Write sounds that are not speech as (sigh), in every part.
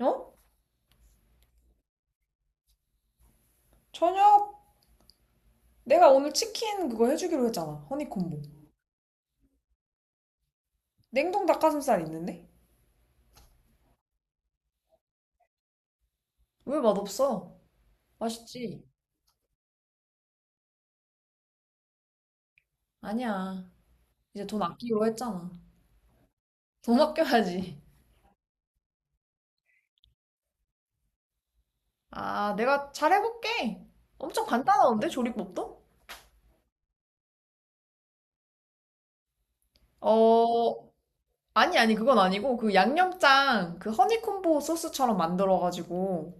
어? 저녁 내가 오늘 치킨 그거 해주기로 했잖아. 허니콤보. 냉동 닭가슴살 있는데? 왜 맛없어? 맛있지? 아니야. 이제 돈 아끼기로 했잖아. 돈 아껴야지. 아, 내가 잘해볼게. 엄청 간단한데, 조리법도? 어, 아니, 아니, 그건 아니고, 그 양념장, 그 허니콤보 소스처럼 만들어가지고,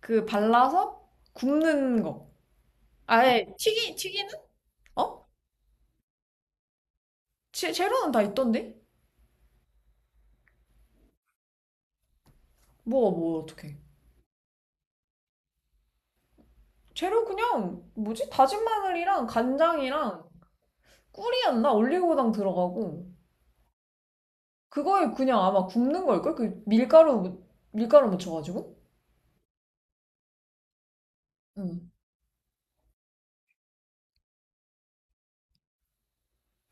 그 발라서 굽는 거. 아예 튀기는? 어? 재료는 다 있던데? 뭐가 뭐, 어떡해. 재료 그냥 뭐지 다진 마늘이랑 간장이랑 꿀이었나 올리고당 들어가고 그거에 그냥 아마 굽는 걸걸 그 밀가루 묻혀가지고 응.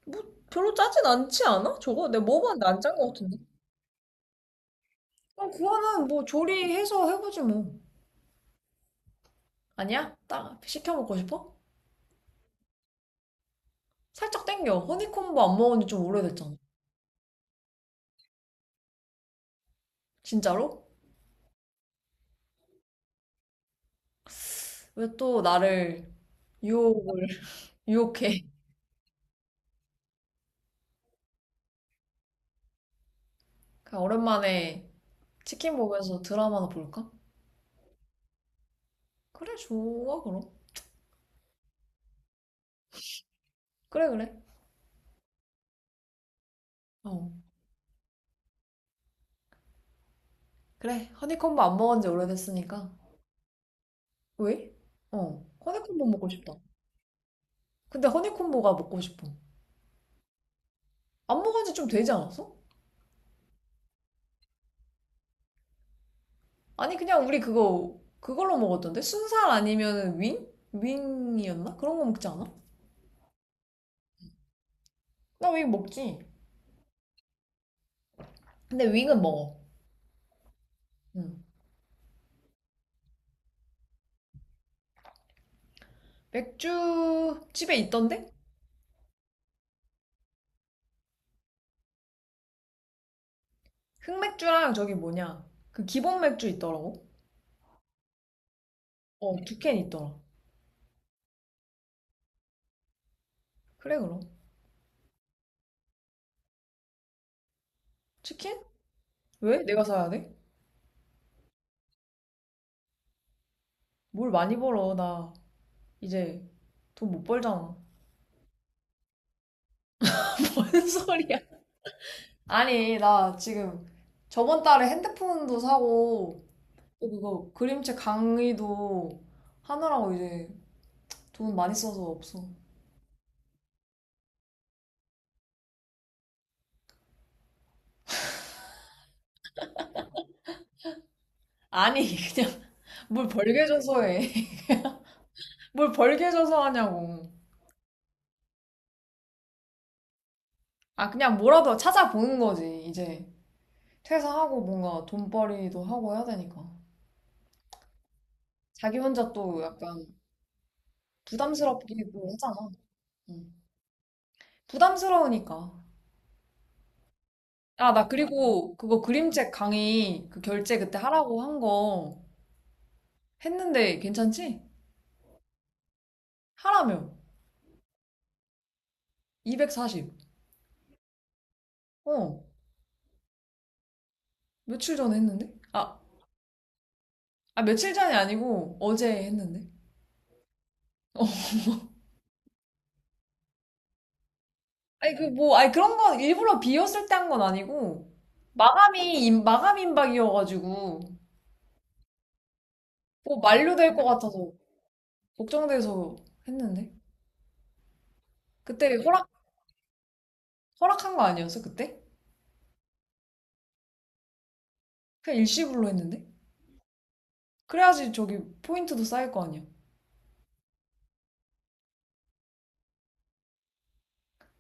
뭐 별로 짜진 않지 않아? 저거 내가 먹어봤는데 안 짠 거 같은데. 그럼 그거는 뭐 조리해서 해보지 뭐. 아니야, 딱 시켜 먹고 싶어. 살짝 땡겨. 허니콤보 안 먹은 지 좀 오래됐잖아. 진짜로. 왜 또 나를 유혹을 (laughs) 유혹해. 그냥 오랜만에 치킨 보면서 드라마나 볼까? 그래, 좋아, 그럼. 그래, 그래. 어. 그래, 허니콤보 안 먹은 지 오래됐으니까. 왜? 어. 허니콤보 먹고 싶다. 근데 허니콤보가 먹고 싶어. 안 먹은 지 좀 되지 않았어? 아니, 그냥 우리 그거, 그걸로 먹었던데? 순살 아니면 윙? 윙이었나? 그런 거 먹지 않아? 나 윙 먹지. 근데 윙은 먹어. 응. 맥주, 집에 있던데? 흑맥주랑 저기 뭐냐. 그 기본 맥주 있더라고. 어, 두캔 있더라. 그래, 그럼. 치킨? 왜? 내가 사야 돼? 뭘 많이 벌어. 나 이제 돈 못 벌잖아. (laughs) 뭔 소리야? 아니, 나 지금 저번 달에 핸드폰도 사고, 그거 그림책 강의도 하느라고 이제 돈 많이 써서 없어. 아니, 그냥 (laughs) 뭘 벌게 줘서 해. (laughs) 뭘 벌게 줘서 하냐고. 아, 그냥 뭐라도 찾아보는 거지, 이제. 퇴사하고 뭔가 돈벌이도 하고 해야 되니까. 자기 혼자 또 약간 부담스럽기도 하잖아. 응. 부담스러우니까. 아, 나 그리고 그거 그림책 강의 그 결제 그때 하라고 한 거 했는데 괜찮지? 하라며. 240. 어, 며칠 전에 했는데? 아, 며칠 전이 아니고 어제 했는데? 아니, 그 뭐, 아니 그런 건 일부러 비었을 때 한 건 아니고 마감 임박이어가지고 뭐 만료될 것 같아서 걱정돼서 했는데? 그때 허락, 허락한 거 아니었어, 그때? 그냥 일시불로 했는데? 그래야지 저기 포인트도 쌓일 거 아니야.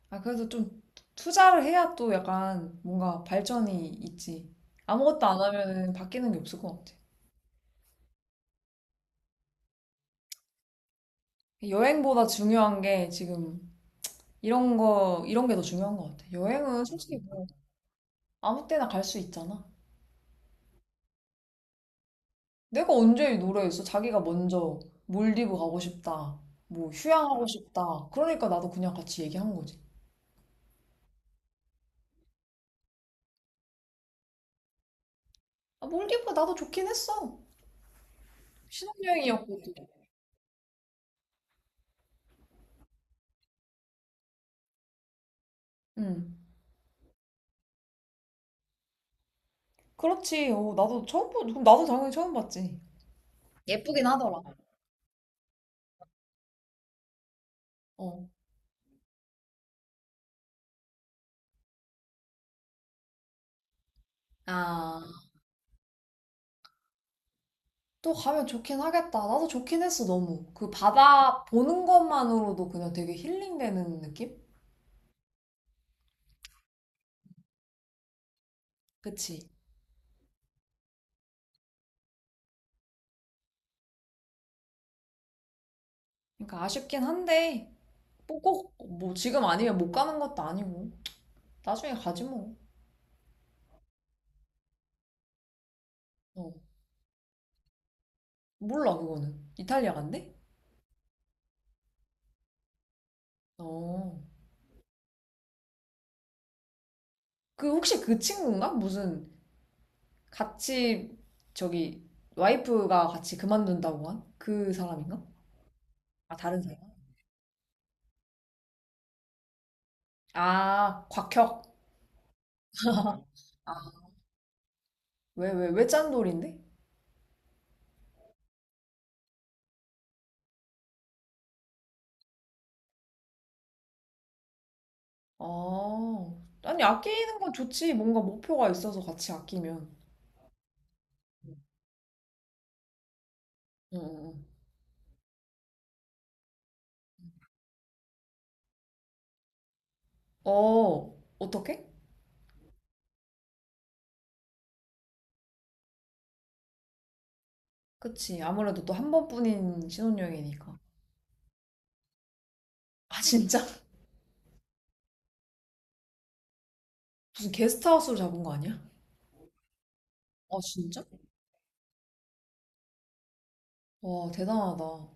아, 그래도 좀 투자를 해야 또 약간 뭔가 발전이 있지. 아무것도 안 하면은 바뀌는 게 없을 것 같아. 여행보다 중요한 게 지금 이런 거, 이런 게 더 중요한 것 같아. 여행은 솔직히 뭐 아무 때나 갈 수 있잖아. 내가 언제 노래했어? 자기가 먼저 몰디브 가고 싶다, 뭐 휴양하고 싶다 그러니까 나도 그냥 같이 얘기한 거지. 아, 몰디브 나도 좋긴 했어. 신혼여행이었거든. 응. 그렇지. 어, 나도 처음, 보- 나도 당연히 처음 봤지. 예쁘긴 하더라. 어. 아, 또 가면 좋긴 하겠다. 나도 좋긴 했어, 너무. 그 바다 보는 것만으로도 그냥 되게 힐링되는 느낌? 그치? 그러니까 아쉽긴 한데, 뭐 꼭, 뭐 지금 아니면 못 가는 것도 아니고. 나중에 가지 뭐. 어, 몰라, 그거는. 이탈리아 간대? 어. 그 혹시 그 친구인가? 무슨 같이, 저기, 와이프가 같이 그만둔다고 한? 그 사람인가? 아, 다른 사람? 아, 곽혁. 아, 왜, 왜, 왜 짠돌인데? 아, 아니, 아끼는 건 좋지. 뭔가 목표가 있어서 같이 아끼면. 응, 응. 응. 어, 어떻게? 그치. 아무래도 또 한 번뿐인 신혼여행이니까. 아, 진짜? (laughs) 무슨 게스트하우스로 잡은 거 아니야? 아, 진짜? 와, 대단하다.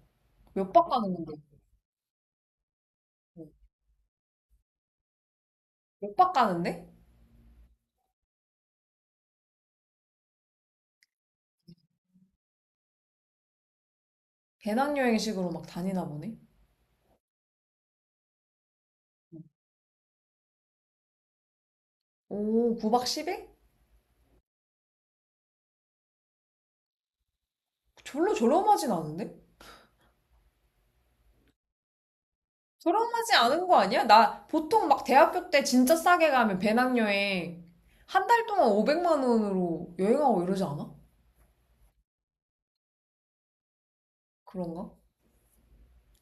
몇 박 가는 건데? 어, 몇박 가는데? 배낭여행식으로 막 다니나 보네? 오, 9박 10일? 졸로 저렴하진 않은데? 저렴하지 않은 거 아니야? 나 보통 막 대학교 때 진짜 싸게 가면 배낭여행 한 달 동안 500만 원으로 여행하고 이러지 않아? 그런가?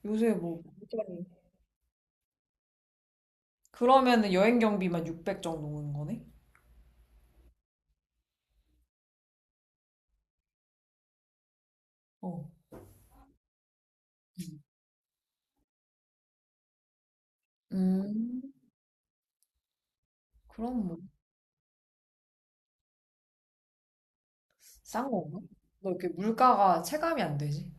요새 뭐 완전히. 그러면은 여행 경비만 600 정도 오는 거네? 어. 음, 그럼 뭐, 싼 건가? 너 이렇게 물가가 체감이 안 되지?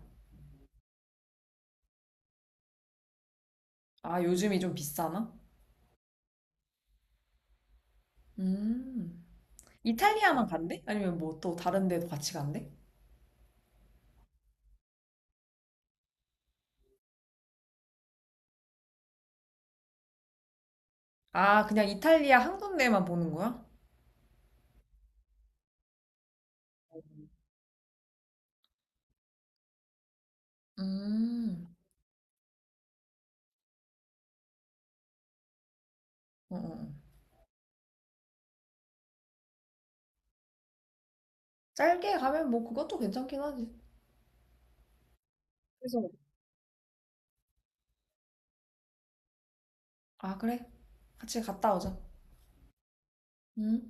아, 요즘이 좀 비싸나? 음. 이탈리아만 간대? 아니면 뭐 또 다른 데도 같이 간대? 아, 그냥 이탈리아 한 군데만 보는 거야? 음. 어, 어. 어. 짧게 가면 뭐 그것도 괜찮긴 하지. 그래서 아, 그래. 같이 갔다 오자. 응?